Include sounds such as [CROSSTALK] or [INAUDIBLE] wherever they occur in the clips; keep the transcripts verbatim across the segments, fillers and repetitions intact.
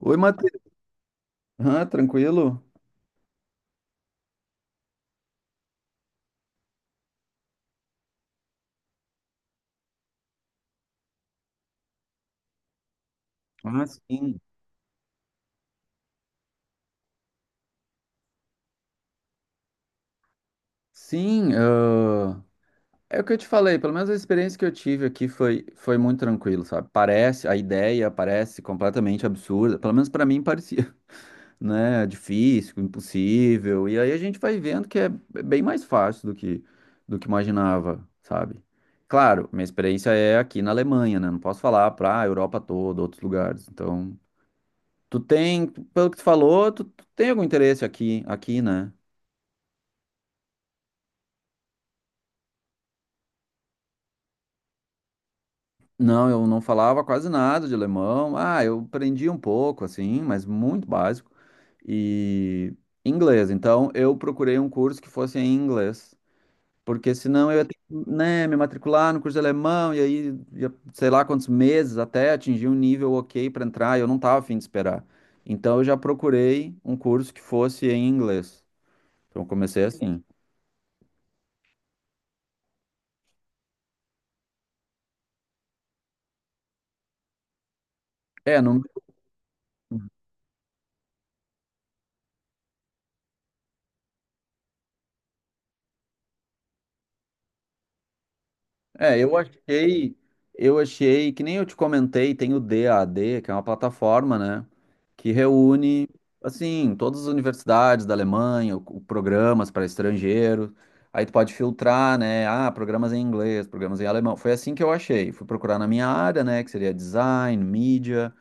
Oi, Matheus. Ah, tranquilo? Ah, sim. Sim, ah, é o que eu te falei, pelo menos a experiência que eu tive aqui foi, foi muito tranquilo, sabe? Parece, a ideia parece completamente absurda, pelo menos pra mim parecia, [LAUGHS] né? Difícil, impossível, e aí a gente vai vendo que é bem mais fácil do que, do que imaginava, sabe? Claro, minha experiência é aqui na Alemanha, né? Não posso falar pra Europa toda, outros lugares, então... Tu tem, pelo que tu falou, tu, tu tem algum interesse aqui, aqui, né? Não, eu não falava quase nada de alemão. Ah, eu aprendi um pouco, assim, mas muito básico. E inglês. Então, eu procurei um curso que fosse em inglês. Porque senão eu ia ter que, né, me matricular no curso de alemão e aí, ia, sei lá quantos meses até atingir um nível ok para entrar. E eu não estava afim de esperar. Então, eu já procurei um curso que fosse em inglês. Então, eu comecei assim. É, no. É, eu achei, eu achei que nem eu te comentei, tem o D A D, que é uma plataforma, né, que reúne assim todas as universidades da Alemanha, o- o- programas para estrangeiros. Aí tu pode filtrar, né? Ah, programas em inglês, programas em alemão. Foi assim que eu achei. Fui procurar na minha área, né, que seria design, mídia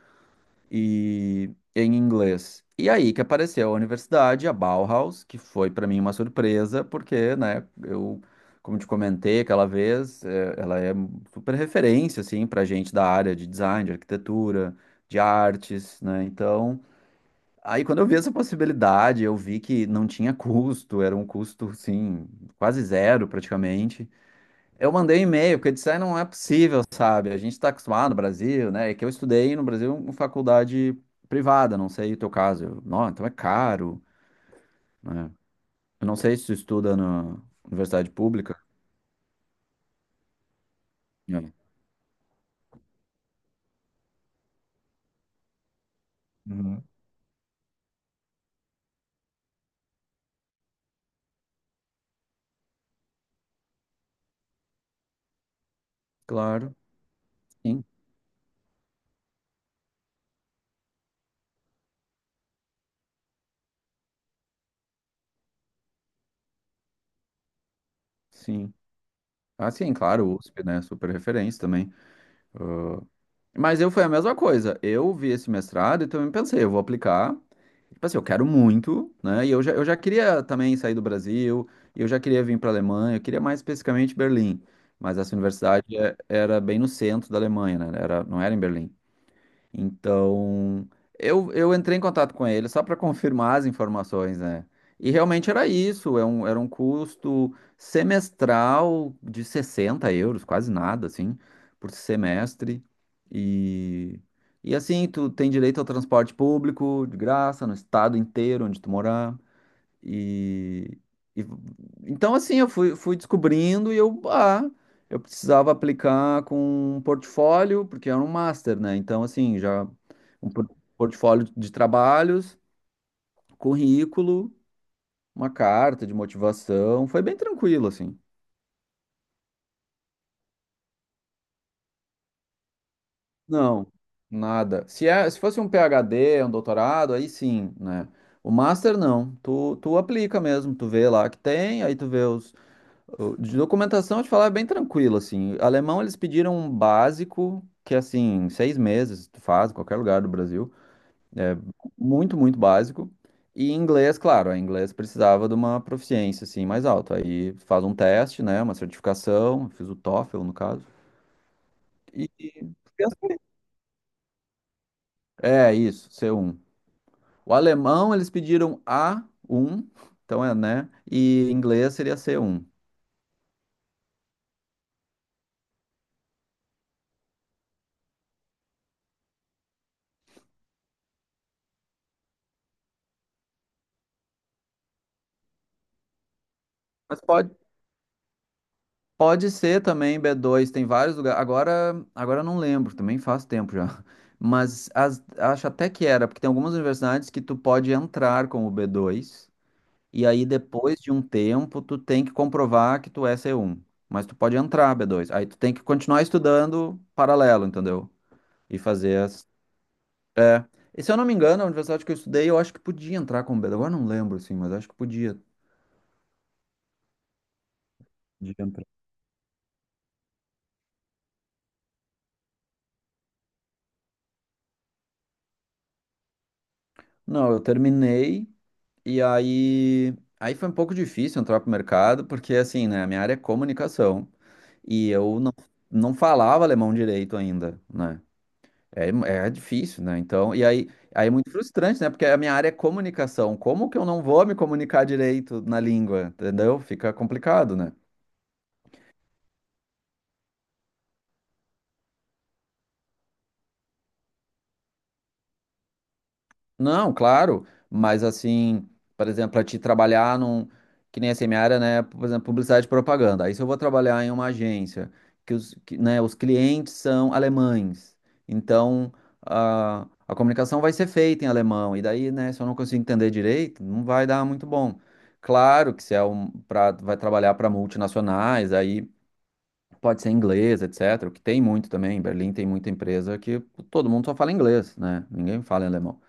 e em inglês. E aí que apareceu a universidade, a Bauhaus, que foi para mim uma surpresa, porque, né, eu, como te comentei aquela vez, eh, ela é super referência, assim, para gente da área de design, de arquitetura, de artes, né, então... Aí, quando eu vi essa possibilidade, eu vi que não tinha custo, era um custo, assim, quase zero praticamente. Eu mandei um e-mail, porque disse, "Ah, não é possível, sabe? A gente está acostumado no Brasil, né? É que eu estudei no Brasil em faculdade privada, não sei o teu caso. Eu, não, então é caro, né? Eu não sei se tu estuda na universidade pública. Né? Uhum. Claro, sim, sim. Ah, sim, claro, o U S P, né? Super referência também. Mas eu foi a mesma coisa. Eu vi esse mestrado e também pensei, eu vou aplicar. Tipo assim, eu quero muito, né? E eu já, eu já queria também sair do Brasil, e eu já queria vir para a Alemanha, eu queria mais especificamente Berlim. Mas essa universidade é- era bem no centro da Alemanha, né? Era, não era em Berlim. Então, eu, eu entrei em contato com ele só para confirmar as informações, né? E realmente era isso, é um, era um custo semestral de sessenta euros, quase nada, assim, por semestre. E, e assim, tu tem direito ao transporte público de graça no estado inteiro onde tu morar. E, e- então assim, eu fui, fui descobrindo e eu, ah, eu precisava aplicar com um portfólio, porque era um master, né? Então assim, já um por- portfólio de trabalhos, currículo, uma carta de motivação, foi bem tranquilo assim. Não, nada. Se é, se fosse um PhD, um doutorado, aí sim, né? O master não. Tu, tu aplica mesmo, tu vê lá que tem, aí tu vê os. O- De documentação, eu te falar, é bem tranquilo, assim. Alemão, eles pediram um básico, que é, assim, seis meses tu faz, em qualquer lugar do Brasil. É muito, muito básico. E inglês, claro, a inglês precisava de uma proficiência, assim, mais alta. Aí faz um teste, né, uma certificação, fiz o TOEFL, no caso. E... e-. É, isso, c um. O alemão, eles pediram a um, então é, né, e inglês seria c um. Mas pode, pode ser também b dois, tem vários lugares. Agora, agora eu não lembro, também faz tempo já. [LAUGHS] Mas as- acho até que era, porque tem algumas universidades que tu pode entrar com o b dois e aí depois de um tempo tu tem que comprovar que tu é c um. Mas tu pode entrar b dois. Aí tu tem que continuar estudando paralelo, entendeu? E fazer as. É. E se eu não me engano, a universidade que eu estudei, eu acho que podia entrar com B dois. Agora eu não lembro, assim, mas acho que podia, podia entrar. Não, eu terminei. E aí, aí foi um pouco difícil entrar pro mercado, porque assim, né, a minha área é comunicação e eu não, não falava alemão direito ainda, né? É, é difícil, né? Então, e aí, aí é muito frustrante, né? Porque a minha área é comunicação. Como que eu não vou me comunicar direito na língua? Entendeu? Fica complicado, né? Não, claro, mas assim, por exemplo, para te trabalhar num, que nem assim, minha área, né, por exemplo, publicidade e propaganda. Aí se eu vou trabalhar em uma agência que os, que, né, os clientes são alemães, então a, a comunicação vai ser feita em alemão, e daí, né, se eu não consigo entender direito, não vai dar muito bom. Claro que se é um, pra, vai trabalhar para multinacionais, aí pode ser inglês, etc, o que tem muito também, em Berlim tem muita empresa que todo mundo só fala inglês, né, ninguém fala em alemão.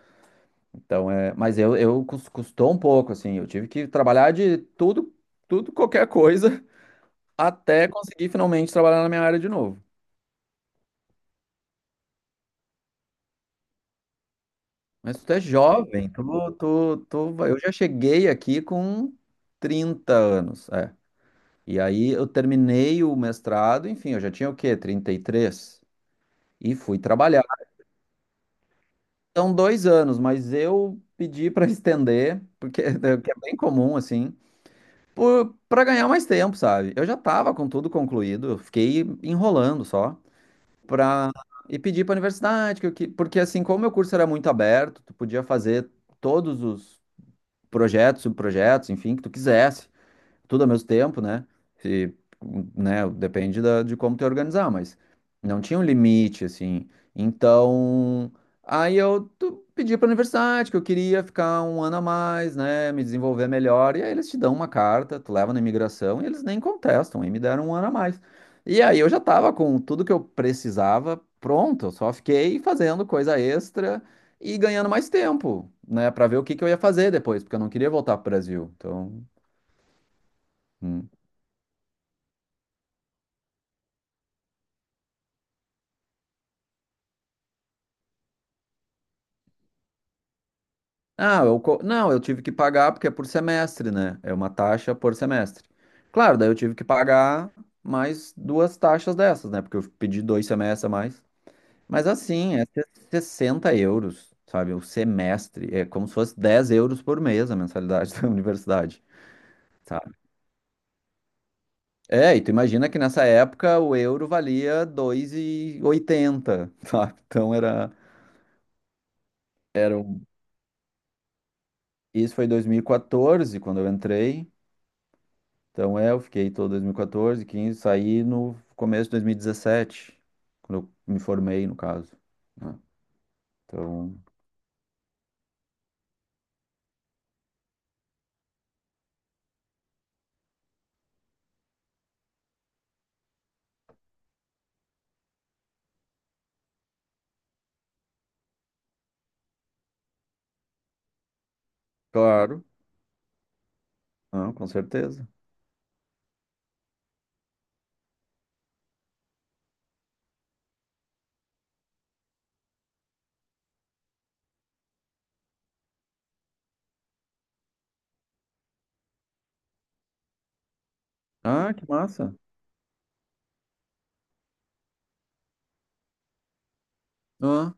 Então, é, mas eu, eu cus- custou um pouco, assim, eu tive que trabalhar de tudo, tudo, qualquer coisa, [LAUGHS] até conseguir finalmente trabalhar na minha área de novo. Mas tu é jovem, tu, tu, tu, vai- eu já cheguei aqui com trinta anos, é. E aí eu terminei o mestrado, enfim, eu já tinha o quê? Trinta e três. E fui trabalhar. São dois anos, mas eu pedi para estender, porque [LAUGHS] é bem comum, assim, por- pra ganhar mais tempo, sabe? Eu já tava com tudo concluído, eu fiquei enrolando só pra e pedir pra universidade, que eu que- porque assim, como meu curso era muito aberto, tu podia fazer todos os projetos, subprojetos, enfim, que tu quisesse tudo ao mesmo tempo, né? Se, né, depende da, de como te organizar, mas não tinha um limite, assim. Então, aí eu tu- pedi para a universidade que eu queria ficar um ano a mais, né, me desenvolver melhor. E aí eles te dão uma carta, tu leva na imigração e eles nem contestam, aí me deram um ano a mais. E aí eu já estava com tudo que eu precisava pronto, eu só fiquei fazendo coisa extra e ganhando mais tempo, né, para ver o que que eu ia fazer depois, porque eu não queria voltar para o Brasil. Então, hum. Ah, eu, co- não, eu tive que pagar porque é por semestre, né? É uma taxa por semestre. Claro, daí eu tive que pagar mais duas taxas dessas, né? Porque eu pedi dois semestres a mais. Mas assim, é se- sessenta euros, sabe? O semestre. É como se fosse dez euros por mês a mensalidade [LAUGHS] da universidade, sabe? É, e tu imagina que nessa época o euro valia dois e oitenta, [LAUGHS] sabe? Então era, era um... Isso foi dois mil e quatorze, quando eu entrei. Então é, eu fiquei todo dois mil e quatorze, quinze, saí no começo de dois mil e dezessete, quando eu me formei, no caso. Né? Então. Claro. Ah, com certeza. Ah, que massa. Ah,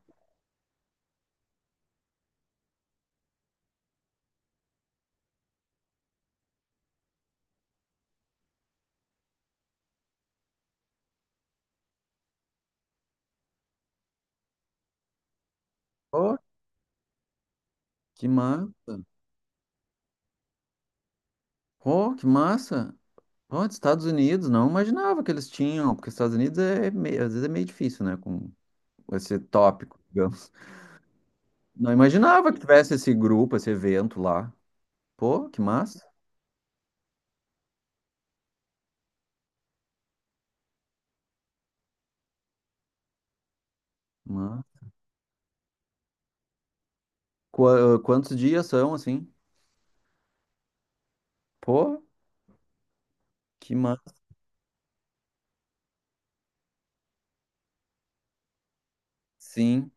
oh, que massa. Oh, que massa. Oh, dos Estados Unidos, não imaginava que eles tinham, porque os Estados Unidos é meio, às vezes é meio difícil, né, com esse tópico, digamos. Não imaginava que tivesse esse grupo, esse evento lá. Pô, que massa. Massa. Qua- Quantos dias são assim? Pô, que massa. Sim.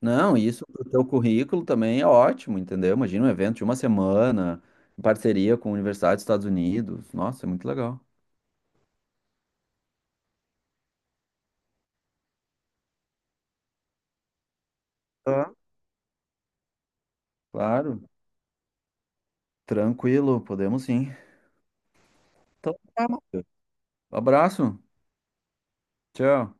Não, isso pro teu currículo também é ótimo, entendeu? Imagina um evento de uma semana, em parceria com a Universidade dos Estados Unidos. Nossa, é muito legal. Tá. Claro, tranquilo, podemos sim. Então, tá, Matheus. Abraço. Tchau.